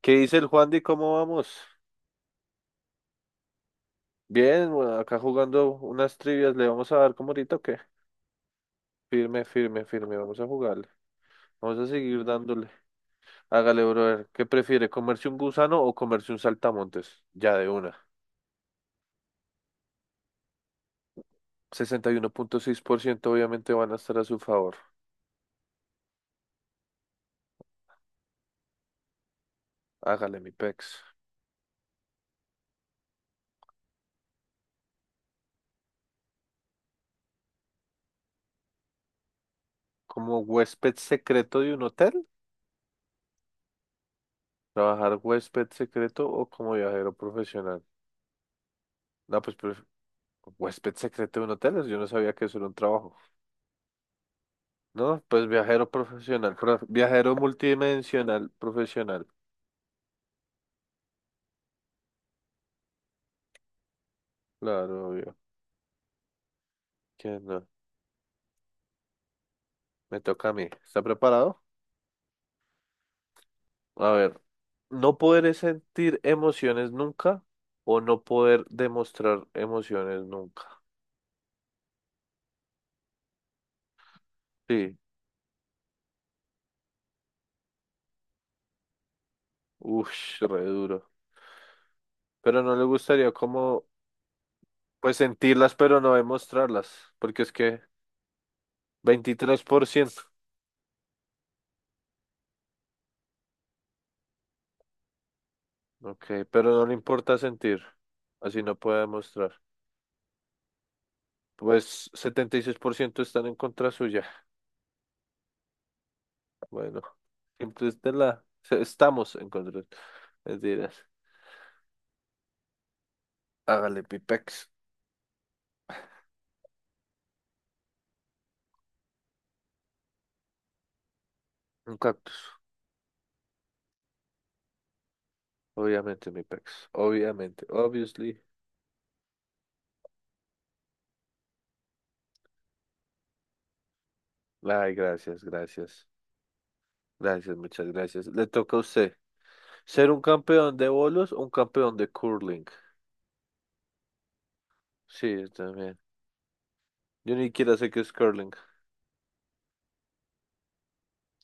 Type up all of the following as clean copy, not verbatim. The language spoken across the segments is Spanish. ¿Qué dice el Juan de cómo vamos? Bien, bueno, acá jugando unas trivias, ¿le vamos a dar como ahorita o qué? Firme, firme, firme, vamos a jugarle. Vamos a seguir dándole. Hágale, brother. ¿Qué prefiere, comerse un gusano o comerse un saltamontes? Ya de una. 61.6% obviamente van a estar a su favor. Hágale, mi pex. ¿Como huésped secreto de un hotel? ¿Trabajar huésped secreto o como viajero profesional? No, pues, huésped secreto de un hotel, yo no sabía que eso era un trabajo. No, pues viajero profesional, viajero multidimensional profesional. Claro, obvio. ¿Quién no? Me toca a mí. ¿Está preparado? A ver, no poder sentir emociones nunca o no poder demostrar emociones nunca. Sí, uff, re duro. Pero no le gustaría como, pues sentirlas, pero no demostrarlas, porque es que 23%, Ok, pero no le importa sentir, así no puede demostrar. Pues 76% están en contra suya. Bueno, Interstellar. Estamos en control. Mentiras. Hágale mi pex. Un cactus. Obviamente mi pex. Obviamente. Obviously. Ay, gracias, gracias. Gracias, muchas gracias. Le toca a usted. ¿Ser un campeón de bolos o un campeón de curling? Sí, yo también. Yo ni siquiera sé qué es curling.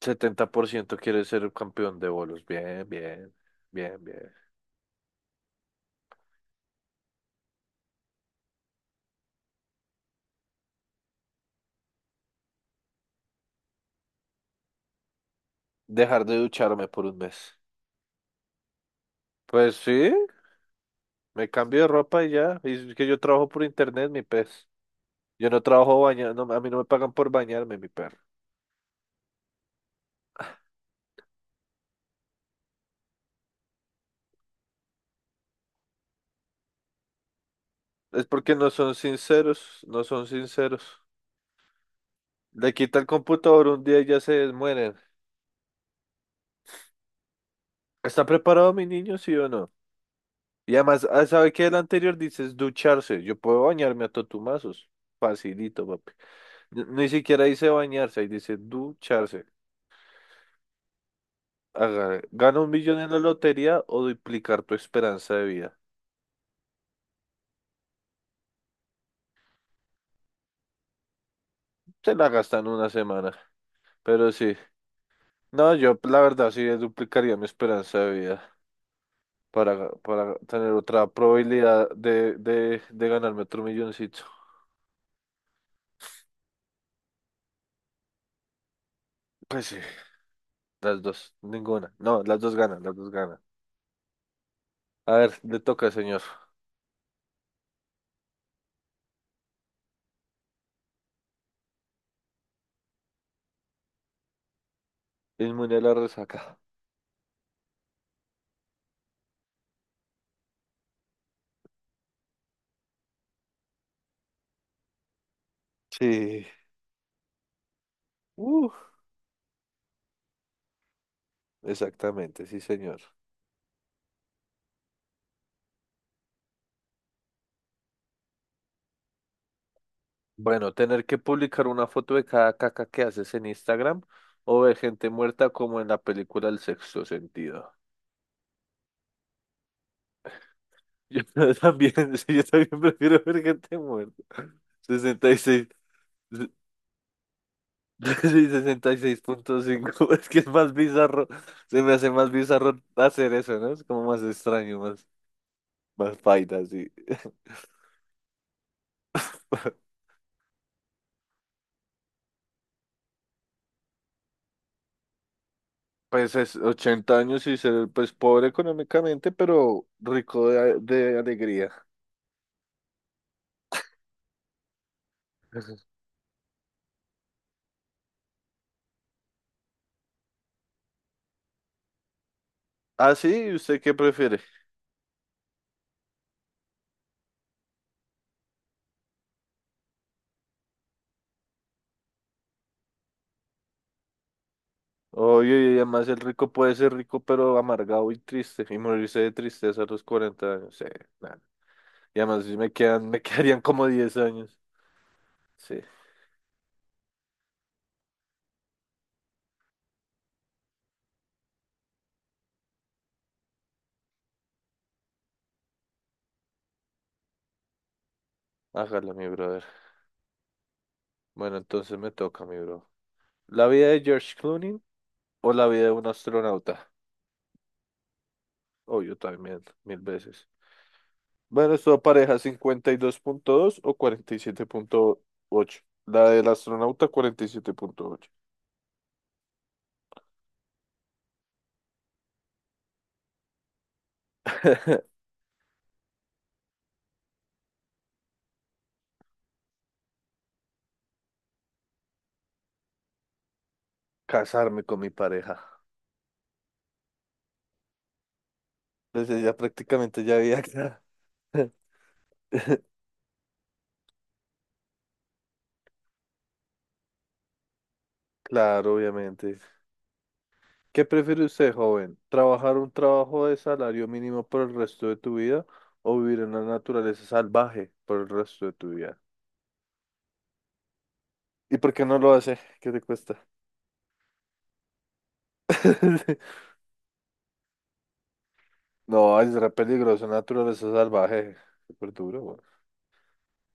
70% quiere ser un campeón de bolos. Bien, bien. Bien, bien. Dejar de ducharme por un mes. Pues sí. Me cambio de ropa y ya. Y es que yo trabajo por internet, mi pez. Yo no trabajo bañando, a mí no me pagan por bañarme, mi perro. Es porque no son sinceros, no son sinceros. Le quita el computador un día y ya se mueren. ¿Está preparado mi niño, sí o no? Y además, ah, ¿sabe qué? El anterior dices ducharse. Yo puedo bañarme a totumazos. Facilito, papi. Ni siquiera dice bañarse, ahí dice ducharse. Gana un millón en la lotería o duplicar tu esperanza de vida. Se la gastan una semana, pero sí. No, yo la verdad sí duplicaría mi esperanza de vida. Para tener otra probabilidad de, de ganarme otro milloncito. Pues sí, las dos, ninguna. No, las dos ganan, las dos ganan. A ver, le toca, señor. Inmune a la resaca. Sí. Uh, exactamente, sí, señor. Bueno, tener que publicar una foto de cada caca que haces en Instagram o ver gente muerta como en la película El sexto sentido. Yo también, sí, yo también prefiero ver gente muerta. 66 Sí, 66.5 Es que es más bizarro. Se me hace más bizarro hacer eso, ¿no? Es como más extraño, más, más paila, así. Pues es 80 años y ser pues pobre económicamente, pero rico de alegría. Ah, sí, ¿y usted qué prefiere? Oye, y además el rico puede ser rico, pero amargado y triste, y morirse de tristeza a los 40 años. Sí, nada. Y además sí me quedan, me quedarían como 10 años. Sí, hágalo, mi brother. Bueno, entonces me toca, mi bro. ¿La vida de George Clooney o la vida de un astronauta? Obvio también, mil veces. Bueno, esto pareja 52.2 o 47.8. La del astronauta 47.8. Casarme con mi pareja. Entonces ya prácticamente ya había... acá. Claro, obviamente. ¿Qué prefiere usted, joven? ¿Trabajar un trabajo de salario mínimo por el resto de tu vida o vivir en la naturaleza salvaje por el resto de tu vida? ¿Y por qué no lo hace? ¿Qué te cuesta? No, es re peligroso, naturaleza salvaje. Súper duro, güey.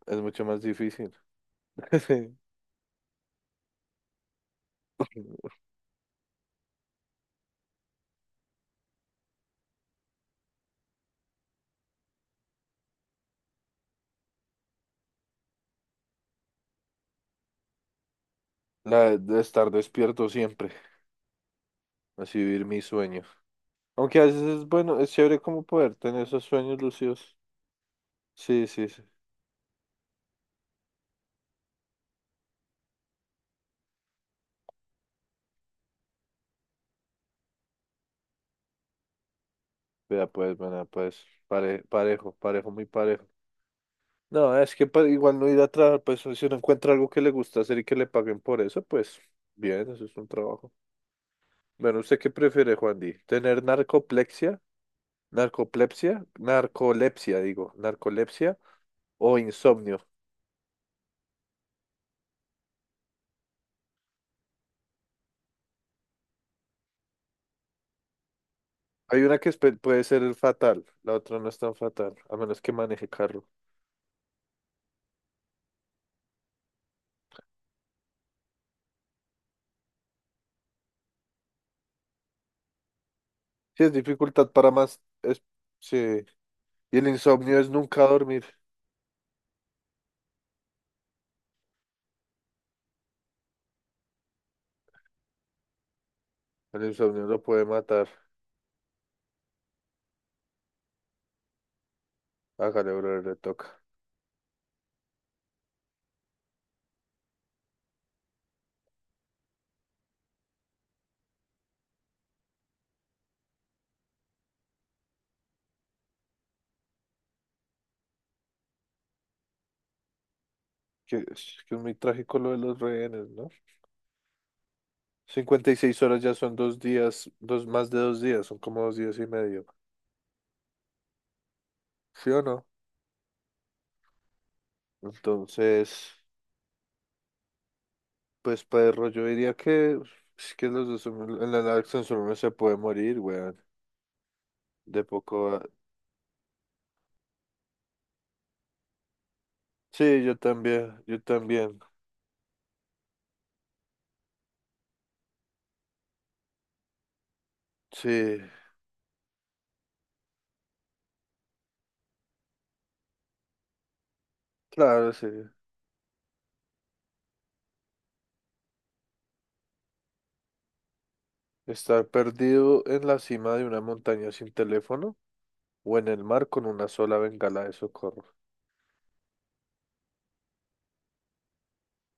Es mucho más difícil. Sí. La de estar despierto siempre, así vivir mis sueños. Aunque a veces es bueno, es chévere como poder tener esos sueños lúcidos. Sí, sí, sí. Vea pues, bueno, pues, parejo, parejo, muy parejo. No, es que igual no ir a trabajar, pues si uno encuentra algo que le gusta hacer y que le paguen por eso, pues bien, eso es un trabajo. Bueno, ¿usted qué prefiere, Juan Di? ¿Tener narcoplexia? Narcolepsia, digo, narcolepsia o insomnio. Hay una que es puede ser fatal, la otra no es tan fatal, a menos que maneje carro. Sí, es dificultad para más. Es, sí. Y el insomnio es nunca dormir. El insomnio lo puede matar. Hágale, brother, le toca. Que es muy trágico lo de los rehenes, ¿no? 56 horas ya son dos días, dos, más de dos días, son como dos días y medio. ¿Sí o no? Entonces. Pues perro, yo diría que uf, es que los dos en la Larson solo uno se puede morir, weón. De poco a- Sí, yo también, yo también. Sí, claro, sí. Estar perdido en la cima de una montaña sin teléfono o en el mar con una sola bengala de socorro.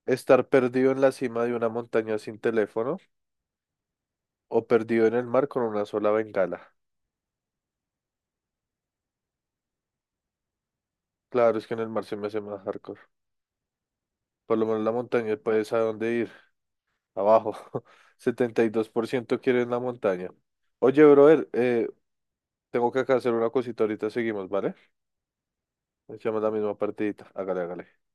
Estar perdido en la cima de una montaña sin teléfono o perdido en el mar con una sola bengala. Claro, es que en el mar se me hace más hardcore. Por lo menos la montaña puedes a dónde ir. Abajo. 72% quieren la montaña. Oye, brother, tengo que acá hacer una cosita. Ahorita seguimos, ¿vale? Echamos la misma partidita. Hágale, hágale.